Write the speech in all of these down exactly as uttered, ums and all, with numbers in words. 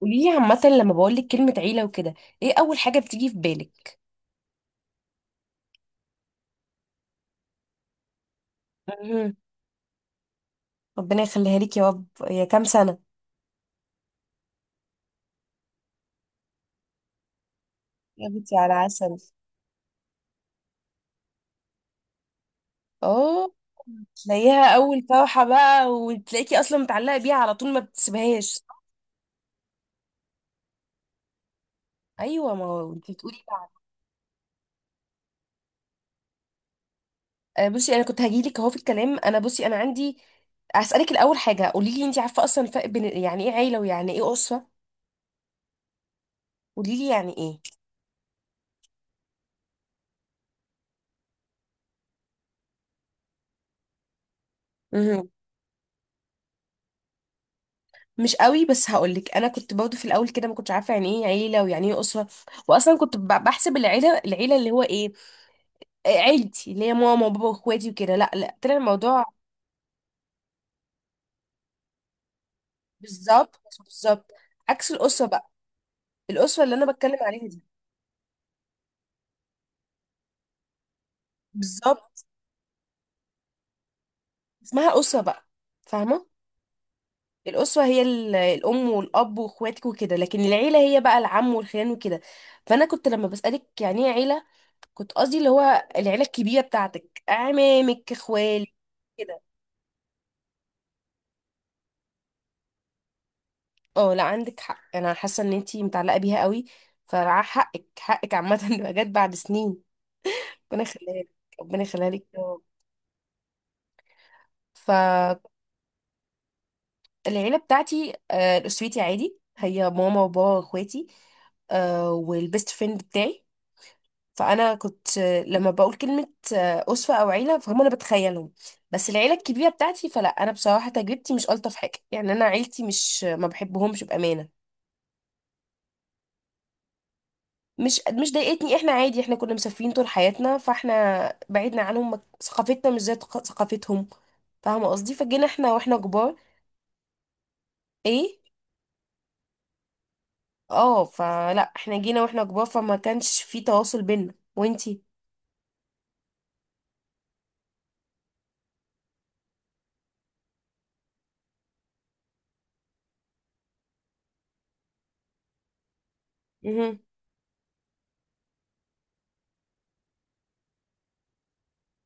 قوليلي عامة لما بقولك كلمة عيلة وكده، ايه أول حاجة بتيجي في بالك؟ مهم. ربنا يخليها ليك يا رب. يا كام سنة؟ يا بنتي على عسل. اه. تلاقيها أول فرحة بقى وتلاقيكي أصلا متعلقة بيها على طول ما بتسيبهاش. أيوة، ما هو انت بتقولي بعد. آه، بصي، أنا كنت هجيلك أهو في الكلام. أنا بصي أنا عندي هسألك الأول حاجة: قوليلي، انت عارفة أصلا الفرق بين يعني ايه عيلة ويعني ايه أسرة؟ قوليلي، يعني ايه؟ مش قوي، بس هقولك، انا كنت برضه في الاول كده ما كنتش عارفه يعني ايه عيله ويعني ايه اسره. واصلا كنت ب- بحسب العيله، العيله اللي هو ايه، آه، عيلتي اللي هي ماما وبابا واخواتي وكده. لا لا، طلع الموضوع بالظبط بالظبط عكس الاسره بقى. الاسره اللي انا بتكلم عليها دي بالظبط اسمها اسره بقى، فاهمه. الاسره هي ال- الام والاب واخواتك وكده، لكن العيله هي بقى العم والخيان وكده. فانا كنت لما بسالك يعني ايه عيله، كنت قصدي اللي هو العيلة الكبيرة بتاعتك، أعمامك إخوالك. كده. اه لا، عندك حق. أنا حاسة إن أنتي متعلقة بيها قوي، فحقك حقك عامة إنها جت بعد سنين. ربنا يخليها لك، ربنا يخليها لك يا رب. فالعيلة بتاعتي، آه، أسرتي عادي هي ماما وبابا وإخواتي، آه، والبيست فريند بتاعي. فانا كنت لما بقول كلمه اسوه او عيله، فهم انا بتخيلهم، بس العيله الكبيره بتاعتي فلا. انا بصراحه تجربتي مش الطف حاجه يعني. انا عيلتي مش، ما بحبهمش بامانه. مش مش ضايقتني. احنا عادي، احنا كنا مسافرين طول حياتنا فاحنا بعدنا عنهم. ما- ثقافتنا مش زي تق- ثقافتهم، فاهمه قصدي؟ فجينا احنا واحنا كبار. ايه. اه. فلا، احنا جينا واحنا كبار فما كانش في تواصل بينا وانتي. مهم.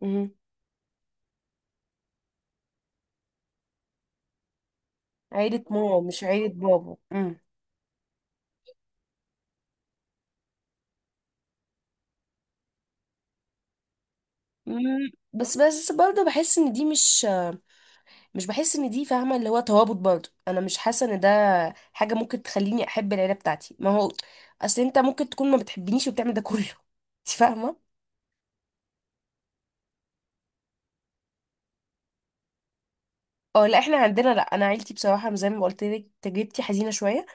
مهم. عيله ماما مش عيله بابا. إمم. مم، بس بس برضه بحس ان دي مش. مش بحس ان دي، فاهمه اللي هو توابط، برضه انا مش حاسه ان ده حاجه ممكن تخليني احب العيله بتاعتي. ما هو اصل انت ممكن تكون ما بتحبنيش وبتعمل ده كله انت فاهمه. اه لا، احنا عندنا، لا، انا عيلتي بصراحه زي ما قلت لك تجربتي حزينه شويه.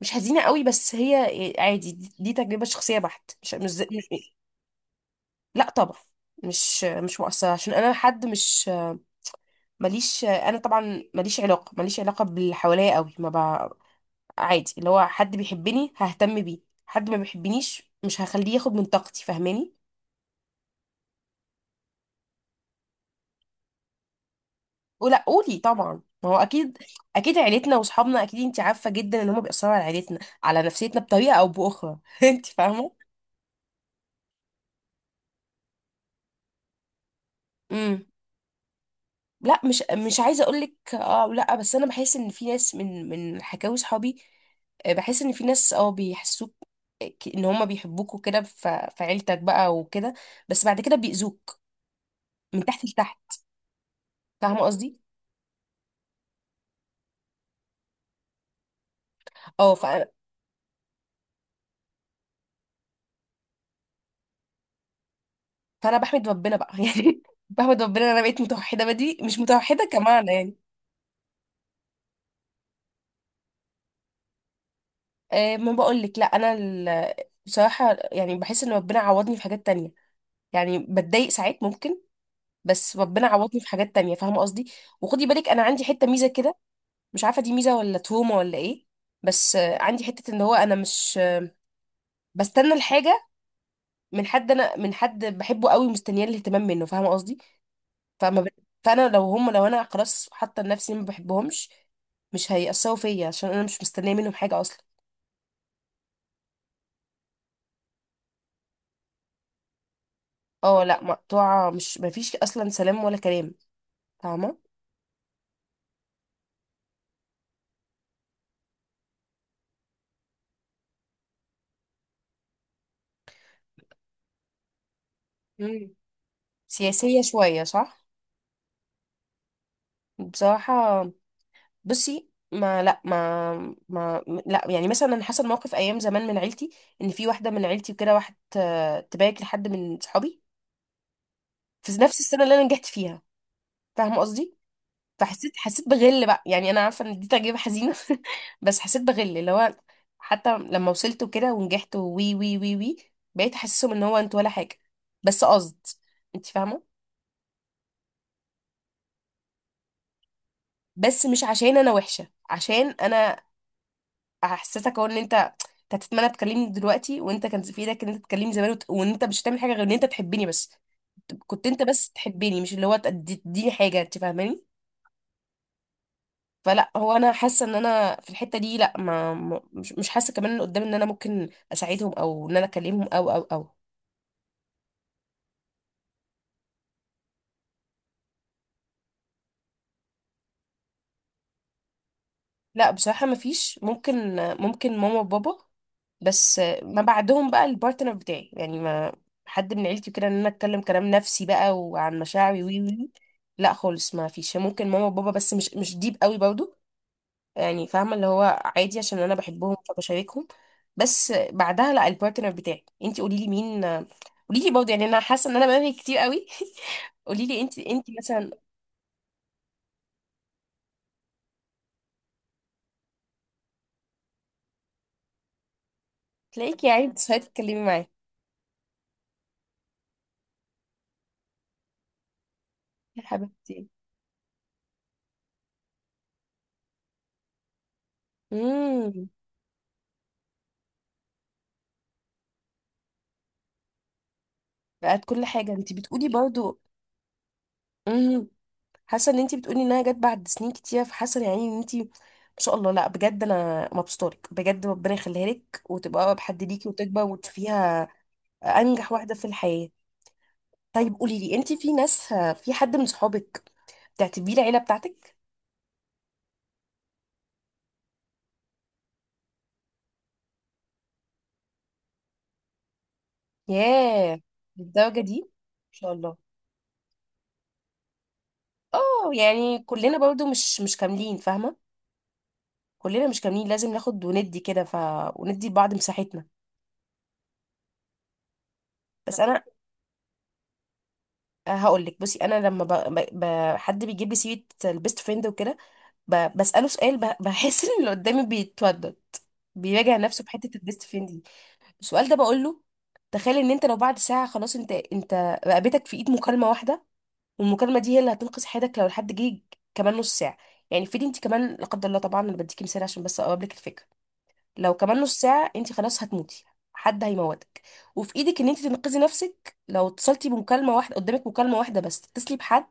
مش حزينه قوي بس هي عادي. دي, دي تجربه شخصيه بحت، مش مش, زي- مش. لا طبعا، مش مش مؤثره عشان انا حد مش. ماليش انا طبعا، ماليش علاقه ماليش علاقه باللي حواليا قوي. ما عادي، اللي هو حد بيحبني ههتم بيه، حد ما بيحبنيش مش هخليه ياخد من طاقتي، فاهماني؟ ولا قولي، طبعا ما هو اكيد. اكيد عيلتنا واصحابنا، اكيد انت عارفه جدا ان هم بيأثروا على عيلتنا، على نفسيتنا بطريقه او باخرى انت فاهمه. امم لا، مش مش عايزه اقول لك اه لا، بس انا بحس ان في ناس، من من حكاوي صحابي، آه، بحس ان في ناس اه بيحسوك ك- ان هم بيحبوك وكده، ف- في عيلتك بقى وكده، بس بعد كده بيأذوك من تحت لتحت، فاهمه قصدي؟ اه ف فانا بحمد ربنا بقى يعني، بحمد ربنا ان انا بقيت متوحده بدري مش متوحده كمان يعني. آه، ما بقول لك لا، انا ال- بصراحه يعني بحس ان ربنا عوضني في حاجات تانية. يعني بتضايق ساعات ممكن، بس ربنا عوضني في حاجات تانية، فاهمه قصدي؟ وخدي بالك، انا عندي حته ميزه كده، مش عارفه دي ميزه ولا تروما ولا ايه. بس آه، عندي حته ان هو انا مش بستنى الحاجه من حد، انا من حد بحبه قوي ومستنياه الاهتمام منه، فاهمه قصدي؟ فما ب... فانا لو هم لو انا خلاص حاطه لنفسي ما بحبهمش، مش هيأثروا فيا عشان انا مش مستنيه منهم حاجه اصلا. اه لا، مقطوعه. مش، ما فيش اصلا سلام ولا كلام، فاهمه. مم. سياسيه شويه، صح. بصراحه، بصي، ما لا ما ما لا يعني مثلا انا حصل موقف ايام زمان من عيلتي، ان في واحده من عيلتي وكده، واحد آه، تبارك لحد من صحابي في نفس السنه اللي انا نجحت فيها، فاهمه قصدي؟ فحسيت حسيت بغل بقى. يعني انا عارفه ان دي تجربه حزينه بس حسيت بغل اللي هو، حتى لما وصلت وكده ونجحت وي وي وي وي، بقيت احسسهم ان هو انت ولا حاجه. بس قصد، انت فاهمه؟ بس مش عشان انا وحشه، عشان انا احسسك هو ان انت، أنت هتتمنى تكلمني دلوقتي وانت كان في ايدك ان انت تكلمني زمان، وت... وان انت مش هتعمل حاجه غير ان انت تحبني بس. كنت انت بس تحبني، مش اللي هو تدي- تديني حاجه، انت فاهماني؟ فلا، هو انا حاسه ان انا في الحته دي لا، ما ما- مش مش حاسه كمان ان قدام ان انا ممكن اساعدهم او ان انا اكلمهم او او او لا بصراحه ما فيش. ممكن ممكن ماما وبابا، بس ما بعدهم بقى البارتنر بتاعي يعني، ما حد من عيلتي كده ان انا اتكلم كلام نفسي بقى وعن مشاعري وي وي. لا خالص ما فيش. ممكن ماما وبابا بس، مش مش ديب قوي برضو يعني، فاهمه اللي هو عادي عشان انا بحبهم فبشاركهم، بس بعدها لا، البارتنر بتاعي. انت قولي لي مين، قولي لي برضه، يعني انا حاسه ان انا بنهي كتير قوي قولي لي انت انت مثلا. تلاقيكي يعني بتصحي تتكلمي معاه. يا حبيبتي. امم بقت كل حاجه، انت بتقولي برضه. امم حاسه ان انت بتقولي انها جت بعد سنين كتير، فحاسه يعني ان انت، ما شاء الله. لا بجد، انا مبسوطه لك بجد. ربنا يخليها لك وتبقى اقرب حد ليكي وتكبر وتشوفيها انجح واحده في الحياه. طيب قولي لي، انت في ناس، في حد من صحابك بتعتبيه العيله بتاعتك؟ ياه، للدرجه دي ما شاء الله. اه، يعني كلنا برضو مش مش كاملين، فاهمه. كلنا مش كاملين، لازم ناخد وندي كده. ف وندي لبعض مساحتنا. بس انا هقول لك، بصي، انا لما ب... ب... ب... حد بيجيب لي سيره البيست فريند وكده، ب... بساله سؤال. ب... بحس ان اللي قدامي بيتودد، بيراجع نفسه في حته البيست فريند دي. السؤال ده بقول له: تخيل ان انت لو بعد ساعه خلاص، انت انت رقبتك في ايد مكالمه واحده، والمكالمه دي هي اللي هتنقذ حياتك لو الحد جه كمان نص ساعه. يعني افرضي انت كمان، لا قدر الله طبعا، انا بديكي مثال عشان بس اقرب لك الفكره. لو كمان نص ساعه انت خلاص هتموتي، حد هيموتك، وفي ايدك ان انت تنقذي نفسك لو اتصلتي بمكالمه واحده. قدامك مكالمه واحده بس تتصلي بحد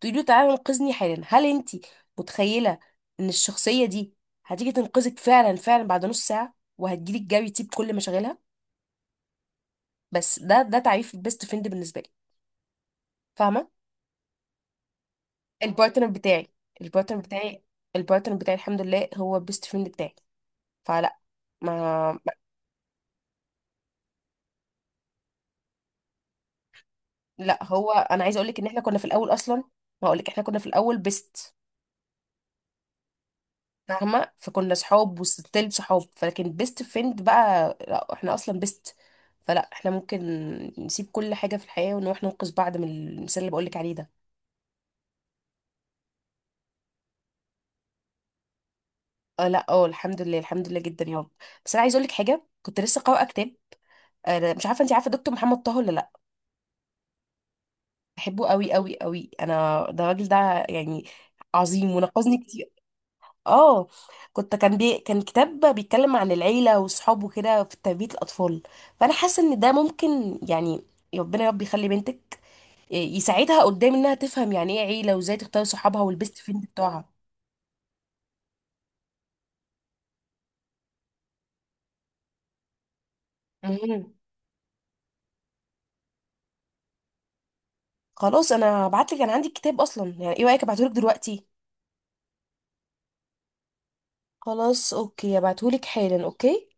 تقولي له: تعالى انقذني حالا. هل انت متخيله ان الشخصيه دي هتيجي تنقذك فعلا فعلا بعد نص ساعه، وهتجيلك جري تسيب كل مشاغلها؟ بس ده، ده تعريف البيست فريند بالنسبه لي، فاهمه. البارتنر بتاعي البارتنر بتاعي البارتنر بتاعي، الحمد لله، هو بيست فريند بتاعي، فلا ما ما- لا، هو انا عايزه اقول لك ان احنا كنا في الاول اصلا، ما اقول لك، احنا كنا في الاول بيست، فاهمه. فكنا صحاب وستيل صحاب، فلكن بيست فريند بقى لا، احنا اصلا بيست، فلا احنا ممكن نسيب كل حاجه في الحياه ونروح ننقذ بعض من المثال اللي بقول لك عليه ده. اه لا، اه الحمد لله، الحمد لله جدا يا رب. بس انا عايزه اقول لك حاجه، كنت لسه قارئه كتاب. آه، مش عارفه، انت عارفه دكتور محمد طه ولا لا؟ بحبه قوي قوي قوي انا. ده الراجل ده يعني عظيم ونقذني كتير. اه. كنت كان بي... كان كتاب بيتكلم عن العيله وصحابه كده في تربيه الاطفال. فانا حاسه ان ده ممكن يعني، ربنا يا رب يخلي بنتك، آه، يساعدها قدام انها تفهم يعني ايه عيله وازاي تختار صحابها والبيست فريند بتوعها. مهم. خلاص، انا هبعتلك. انا عندي الكتاب اصلا يعني. ايه رايك ابعتهولك دلوقتي؟ خلاص، اوكي، هبعتهولك حالا. اوكي.